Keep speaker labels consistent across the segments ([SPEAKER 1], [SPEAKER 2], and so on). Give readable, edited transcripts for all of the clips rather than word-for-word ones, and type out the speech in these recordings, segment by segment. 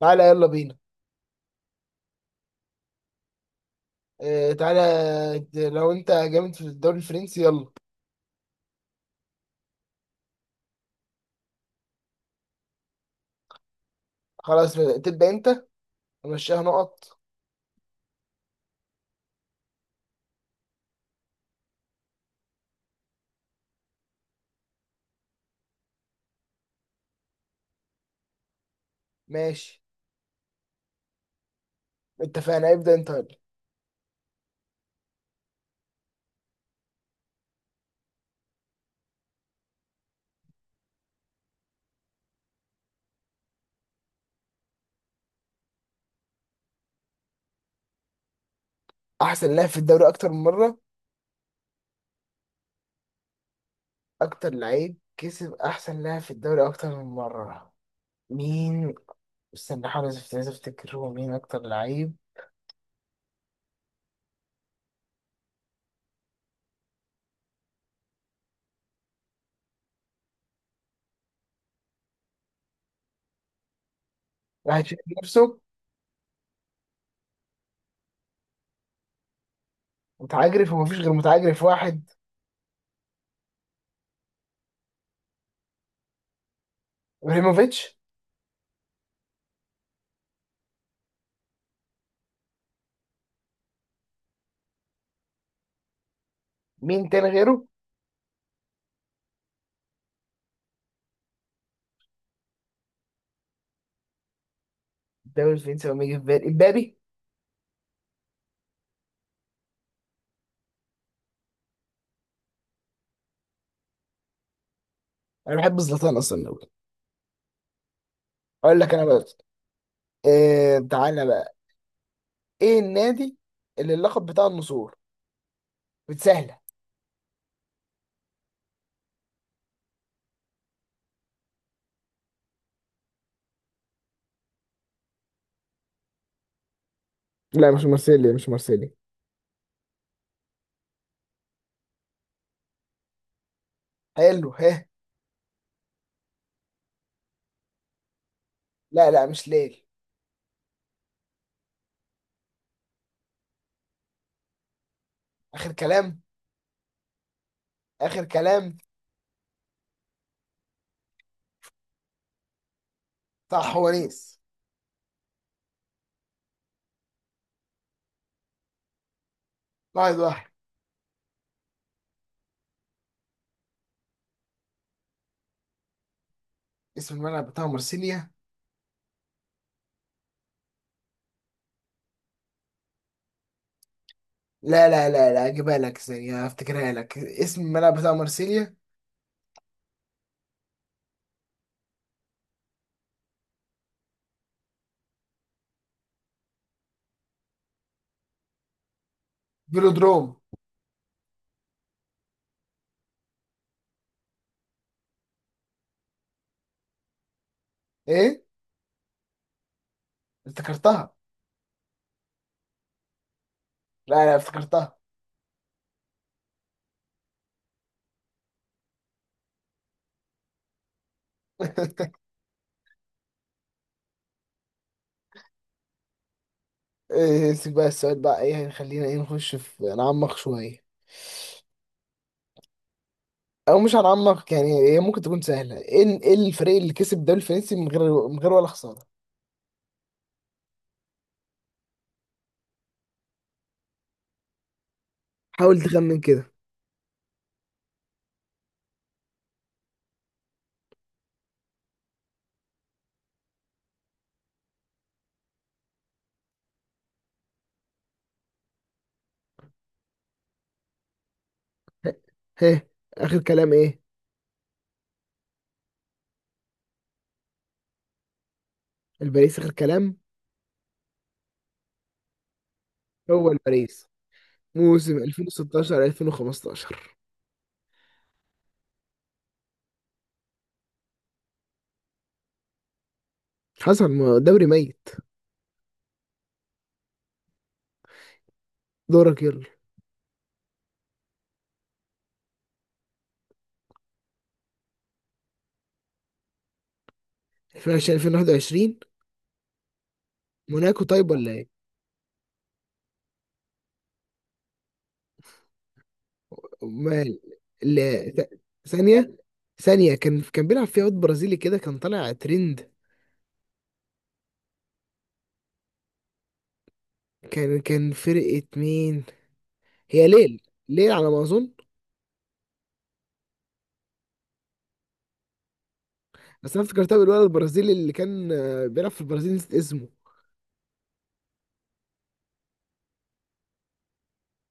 [SPEAKER 1] تعالى يلا بينا. آه، تعالى. لو انت جامد في الدوري الفرنسي يلا. خلاص تبدأ انت، امشيها نقط. ماشي، اتفقنا. ابدأ انت يلا. احسن لاعب في الدوري اكتر من مرة؟ اكتر لعيب كسب احسن لاعب في الدوري اكتر من مرة؟ مين؟ استنى احاول عايز افتكر هو مين اكتر لعيب. واحد شايف نفسه متعجرف، ومفيش غير متعجرف واحد. ابراهيموفيتش. مين تاني غيره؟ الدوري الفرنسي وما يجي في بالي امبابي. انا بحب زلاتان اصلا أوي. اقول لك انا بقى. آه، تعالى بقى. ايه النادي اللي اللقب بتاع النسور؟ بتسهله. لا مش مارسيليا، مش مارسيليا. حلو ها. لا لا مش ليل. اخر كلام. اخر كلام. صح، هو نيس. واحد واحد. اسم الملعب بتاع مرسيليا؟ لا لا لا لا، اجيبها لك ثانية، افتكرها لك. اسم الملعب بتاع مرسيليا. فيلودروم. ايه؟ افتكرتها. لا لا افتكرتها. إيه، سيب بقى السؤال بقى، ايه، خلينا ايه، نخش في نعمق شوية. او مش هنعمق يعني، هي ممكن تكون سهله. ايه إيه الفريق اللي كسب الدوري الفرنسي من غير ولا خساره؟ حاول تخمن كده. ها. اخر كلام ايه؟ الباريس اخر كلام. هو الباريس، موسم 2016 2015. حصل ما دوري ميت. دورك يلا. 2020 2021. موناكو طيب ولا ايه؟ امال. لا ث- ثانيه، ثانيه. كان بيلعب فيها واد برازيلي كده، كان طالع ترند. كان فرقه مين؟ هي ليل. ليل على ما اظن. بس انا افتكرتها بالولد البرازيلي اللي كان آه، بيلعب في البرازيل، نسيت اسمه.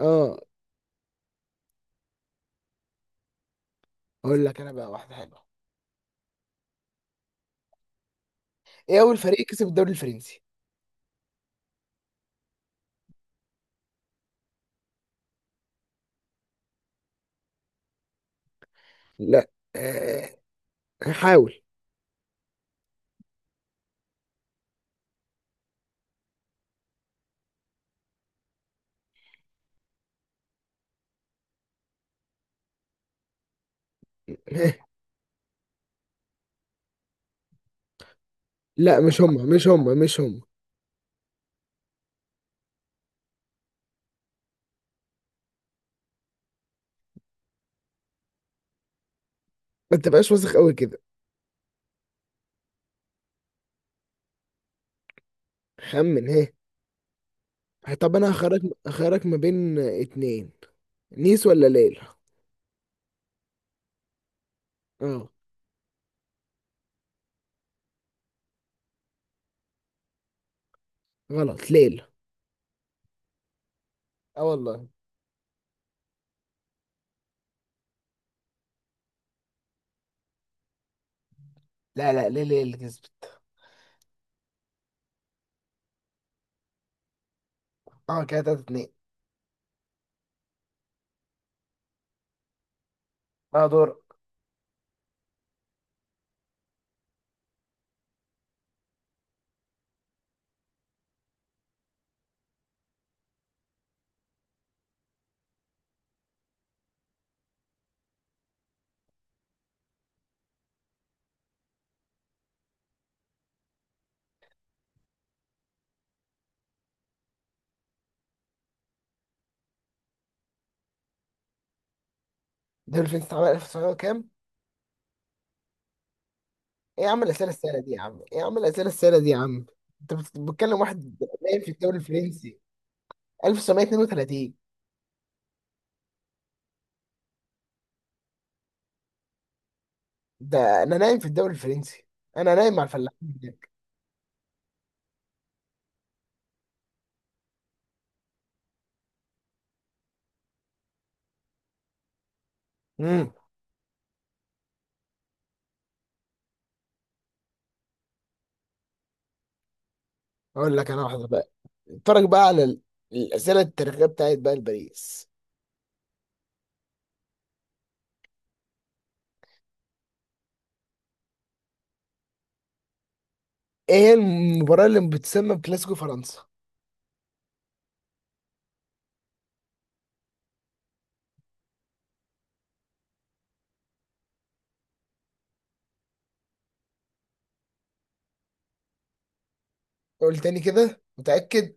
[SPEAKER 1] اه. اقول لك انا بقى واحده حلوه. ايه اول فريق كسب الدوري الفرنسي؟ لا. آه، هحاول. لا مش هم، مش هم، مش هم. ما تبقاش واثق قوي كده. خمن هي. طب انا هخرج، هخرج ما بين اتنين. نيس ولا ليل. اه. غلط، ليل. اه والله. لا لا ليل هي اللي كسبت. اه كده 3 2. اه دور. الدوري الفرنسي اتعمل 1900 وكام؟ ايه يا عم الاسئله السهله دي يا عم، ايه يا عم الاسئله السهله دي يا عم. انت بتكلم واحد نايم في الدوري الفرنسي. 1932. ده انا نايم في الدوري الفرنسي، انا نايم مع الفلاحين هناك. امم. اقول لك انا واحده بقى. اتفرج بقى على الاسئله التاريخيه بتاعت بقى باريس. ايه هي المباراه اللي بتسمى بكلاسيكو فرنسا؟ قول تاني كده، متاكد؟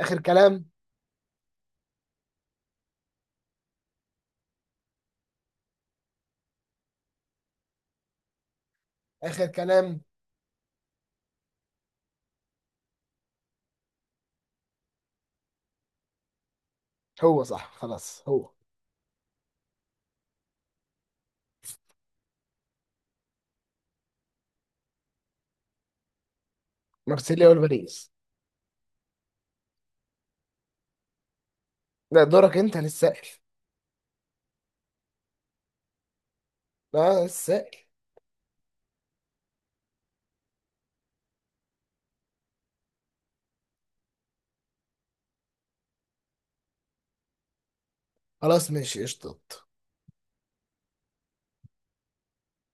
[SPEAKER 1] اخر كلام. اخر كلام. هو صح، خلاص هو. مارسيليا والباريس. لا دورك انت للسائل. لا السائل. خلاص ماشي، قشطة.